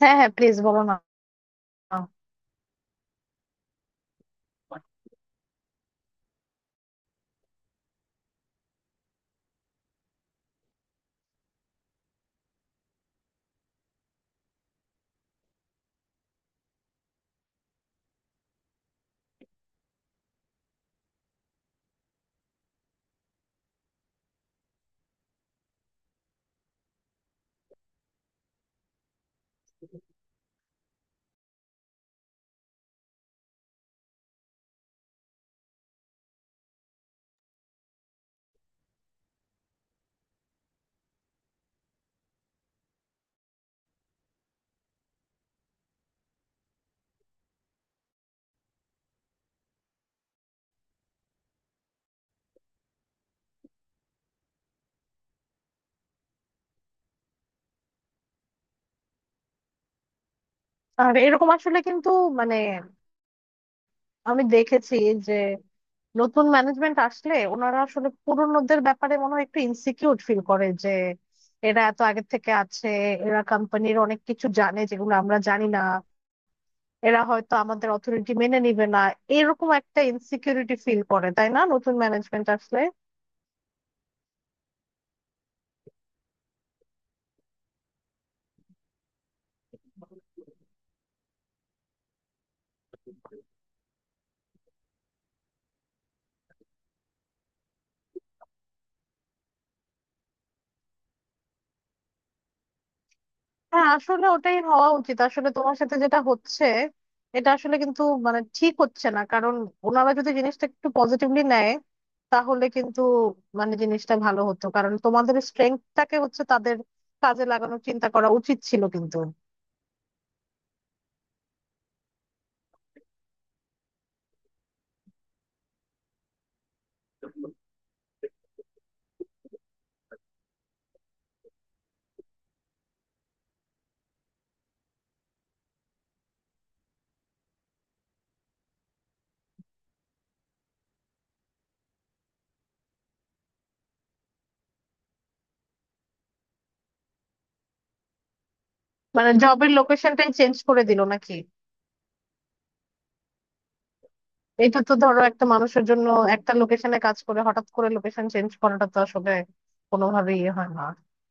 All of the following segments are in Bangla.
হ্যাঁ হ্যাঁ, প্লিজ বলো না। আর এরকম আসলে কিন্তু মানে আমি দেখেছি যে নতুন ম্যানেজমেন্ট আসলে ওনারা আসলে পুরোনোদের ব্যাপারে মনে হয় একটু ইনসিকিউর ফিল করে যে এরা এত আগে থেকে আছে, এরা কোম্পানির অনেক কিছু জানে যেগুলো আমরা জানি না, এরা হয়তো আমাদের অথরিটি মেনে নিবে না। এরকম একটা ইনসিকিউরিটি ফিল করে, তাই না, নতুন ম্যানেজমেন্ট আসলে? হ্যাঁ আসলে ওটাই হওয়া উচিত। আসলে তোমার সাথে যেটা হচ্ছে এটা আসলে কিন্তু মানে ঠিক হচ্ছে না, কারণ ওনারা যদি জিনিসটা একটু পজিটিভলি নেয় তাহলে কিন্তু মানে জিনিসটা ভালো হতো, কারণ তোমাদের স্ট্রেংথটাকে হচ্ছে তাদের কাজে লাগানোর চিন্তা করা উচিত ছিল কিন্তু। মানে জবের লোকেশনটাই চেঞ্জ করে দিল নাকি? এটা তো ধরো একটা মানুষের জন্য একটা লোকেশনে কাজ করে হঠাৎ করে লোকেশন চেঞ্জ করাটা তো আসলে কোনোভাবেই ইয়ে হয় না,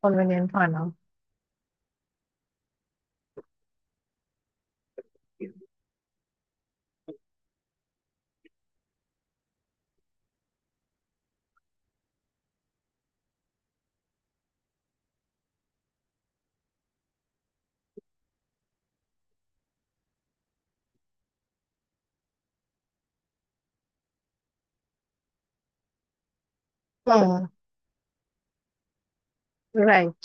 কনভেনিয়েন্ট হয় না। হুম। রাইট।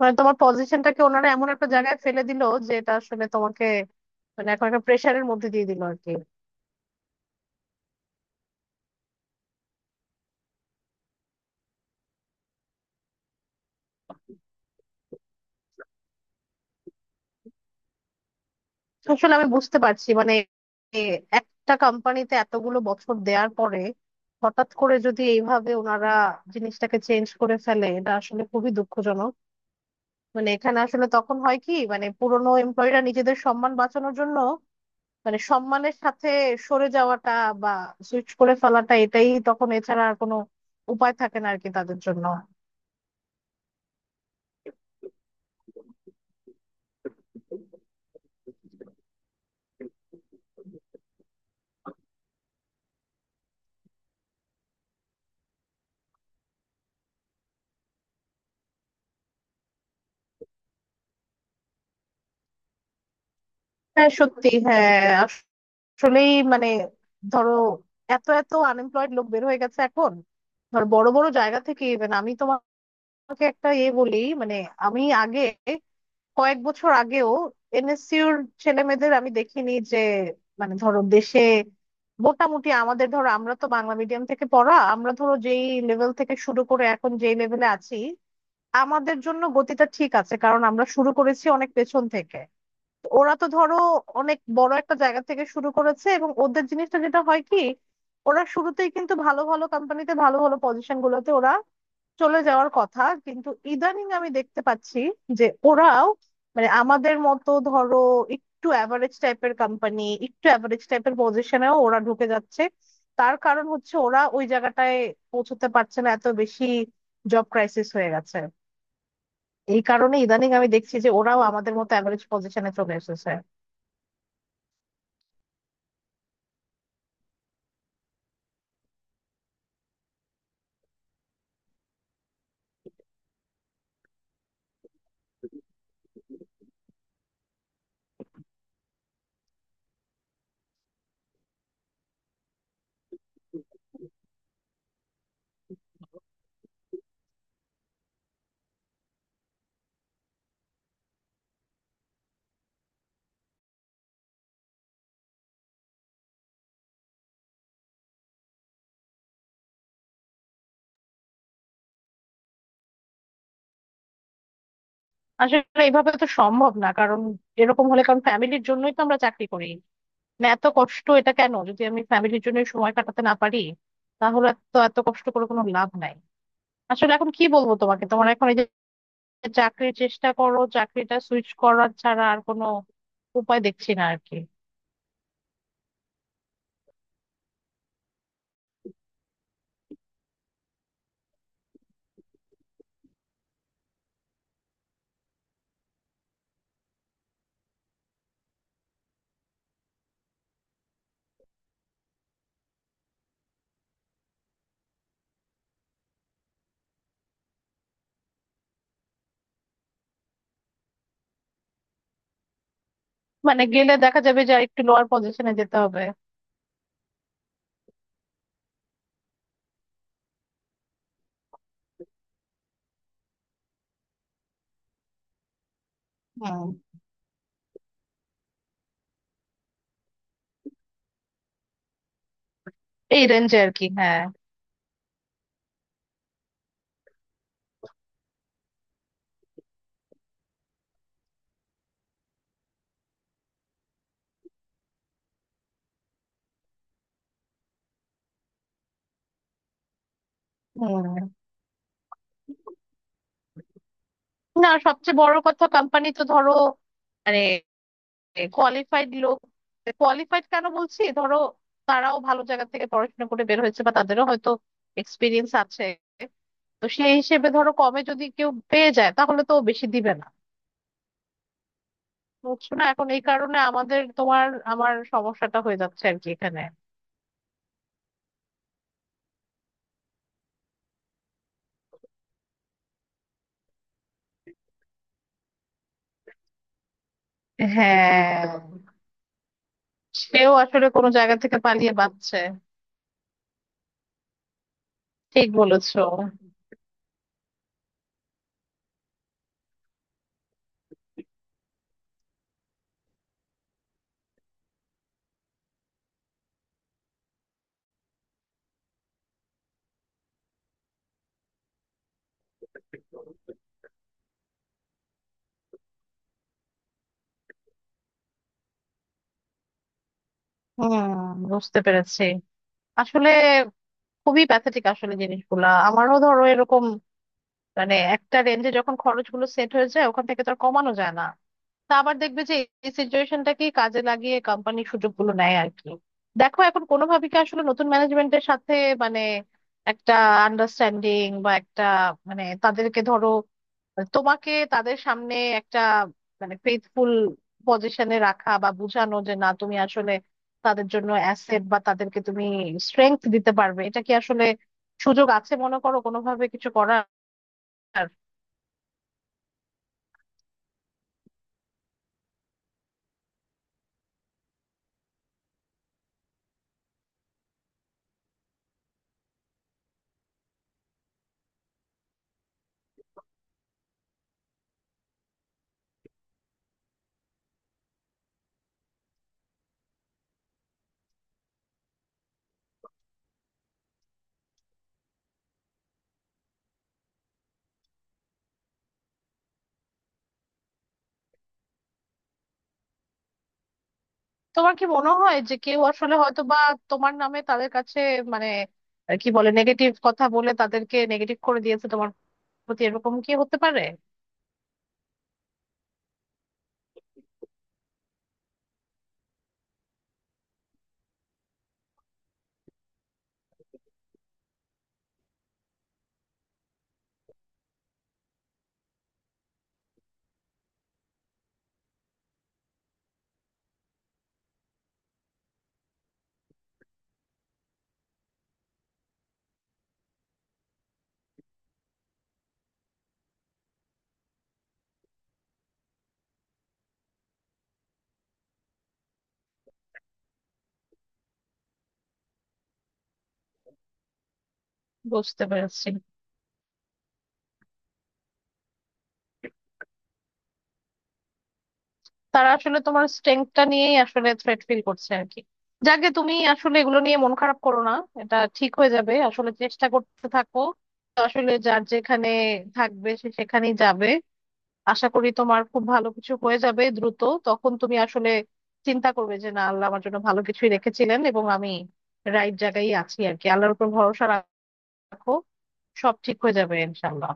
মানে তোমার পজিশনটাকে ওনারা এমন একটা জায়গায় ফেলে দিল যে এটা আসলে তোমাকে মানে এখন একটা প্রেশারের মধ্যে দিয়ে দিল আর কি। আসলে আমি বুঝতে পারছি মানে এ একটা কোম্পানিতে এতগুলো বছর দেওয়ার পরে হঠাৎ করে যদি এইভাবে ওনারা জিনিসটাকে চেঞ্জ করে ফেলে এটা আসলে খুবই দুঃখজনক। মানে এখানে আসলে তখন হয় কি, মানে পুরোনো এমপ্লয়িরা নিজেদের সম্মান বাঁচানোর জন্য মানে সম্মানের সাথে সরে যাওয়াটা বা সুইচ করে ফেলাটা এটাই তখন, এছাড়া আর কোনো উপায় থাকে না আর কি তাদের জন্য। হ্যাঁ সত্যি, হ্যাঁ আসলেই মানে ধরো এত এত আনএমপ্লয়েড লোক বের হয়ে গেছে এখন। ধর বড় বড় জায়গা থেকে ইভেন আমি তোমাকে একটা এ বলি মানে, আমি আগে কয়েক বছর আগেও এনএসসিউর ছেলে মেয়েদের আমি দেখিনি যে মানে ধরো দেশে মোটামুটি আমাদের, ধরো আমরা তো বাংলা মিডিয়াম থেকে পড়া, আমরা ধরো যেই লেভেল থেকে শুরু করে এখন যেই লেভেলে আছি আমাদের জন্য গতিটা ঠিক আছে, কারণ আমরা শুরু করেছি অনেক পেছন থেকে। ওরা তো ধরো অনেক বড় একটা জায়গা থেকে শুরু করেছে এবং ওদের জিনিসটা যেটা হয় কি, ওরা শুরুতেই কিন্তু ভালো ভালো কোম্পানিতে ভালো ভালো পজিশন গুলোতে ওরা চলে যাওয়ার কথা, কিন্তু ইদানিং আমি দেখতে পাচ্ছি যে ওরাও মানে আমাদের মতো ধরো একটু অ্যাভারেজ টাইপের কোম্পানি একটু অ্যাভারেজ টাইপের পজিশনেও ওরা ঢুকে যাচ্ছে। তার কারণ হচ্ছে ওরা ওই জায়গাটায় পৌঁছতে পারছে না, এত বেশি জব ক্রাইসিস হয়ে গেছে। এই কারণে ইদানিং আমি দেখছি যে ওরাও আমাদের মতো অ্যাভারেজ পজিশনে চলে এসেছে। আসলে এইভাবে তো সম্ভব না, কারণ এরকম হলে কারণ ফ্যামিলির জন্যই তো আমরা চাকরি করি। মানে এত কষ্ট এটা কেন, যদি আমি ফ্যামিলির জন্য সময় কাটাতে না পারি তাহলে তো এত কষ্ট করে কোনো লাভ নাই। আসলে এখন কি বলবো তোমাকে, তোমার এখন এই যে চাকরির চেষ্টা করো, চাকরিটা সুইচ করার ছাড়া আর কোনো উপায় দেখছি না আর কি। মানে গেলে দেখা যাবে যে আর একটু লোয়ার পজিশনে যেতে হবে। হ্যাঁ এই রেঞ্জে আর কি, হ্যাঁ। হুম। না সবচেয়ে বড় কথা কোম্পানি তো ধরো মানে কোয়ালিফাইড লোক, কোয়ালিফাইড কেন বলছি, ধরো তারাও ভালো জায়গা থেকে পড়াশোনা করে বের হয়েছে বা তাদেরও হয়তো এক্সপিরিয়েন্স আছে। তো সেই হিসেবে ধরো কমে যদি কেউ পেয়ে যায় তাহলে তো ও বেশি দিবে না। বুঝছো না, এখন এই কারণে আমাদের তোমার আমার সমস্যাটা হয়ে যাচ্ছে আর কি এখানে। হ্যাঁ সেও আসলে কোনো জায়গা থেকে পালিয়ে বাঁচছে। ঠিক বলেছো। হুম। বুঝতে পেরেছি। আসলে খুবই প্যাথেটিক আসলে জিনিসগুলা, আমারও ধরো এরকম মানে একটা রেঞ্জে যখন খরচগুলো সেট হয়ে যায় ওখান থেকে তো আর কমানো যায় না। তা আবার দেখবে যে এই সিচুয়েশনটাকে কাজে লাগিয়ে কোম্পানি সুযোগগুলো নেয় আর কি। দেখো এখন কোনোভাবে কি আসলে নতুন ম্যানেজমেন্টের সাথে মানে একটা আন্ডারস্ট্যান্ডিং বা একটা মানে তাদেরকে ধরো তোমাকে তাদের সামনে একটা মানে ফেথফুল পজিশনে রাখা বা বোঝানো যে না তুমি আসলে তাদের জন্য অ্যাসেট বা তাদেরকে তুমি স্ট্রেংথ দিতে পারবে, এটা কি আসলে সুযোগ আছে মনে করো কোনোভাবে কিছু করার? তোমার কি মনে হয় যে কেউ আসলে হয়তো বা তোমার নামে তাদের কাছে মানে কি বলে নেগেটিভ কথা বলে তাদেরকে নেগেটিভ করে দিয়েছে তোমার প্রতি, এরকম কি হতে পারে? বুঝতে পেরেছি। তারা আসলে তোমার স্ট্রেংথটা নিয়েই আসলে থ্রেট ফিল করছে আর কি। যাকে তুমি আসলে এগুলো নিয়ে মন খারাপ করো না, এটা ঠিক হয়ে যাবে, আসলে চেষ্টা করতে থাকো। তো আসলে যার যেখানে থাকবে সে সেখানেই যাবে। আশা করি তোমার খুব ভালো কিছু হয়ে যাবে দ্রুত। তখন তুমি আসলে চিন্তা করবে যে না আল্লাহ আমার জন্য ভালো কিছুই রেখেছিলেন এবং আমি রাইট জায়গায় আছি আর কি। আল্লাহর উপর ভরসা রাখো। সব ঠিক হয়ে যাবে ইনশাল্লাহ।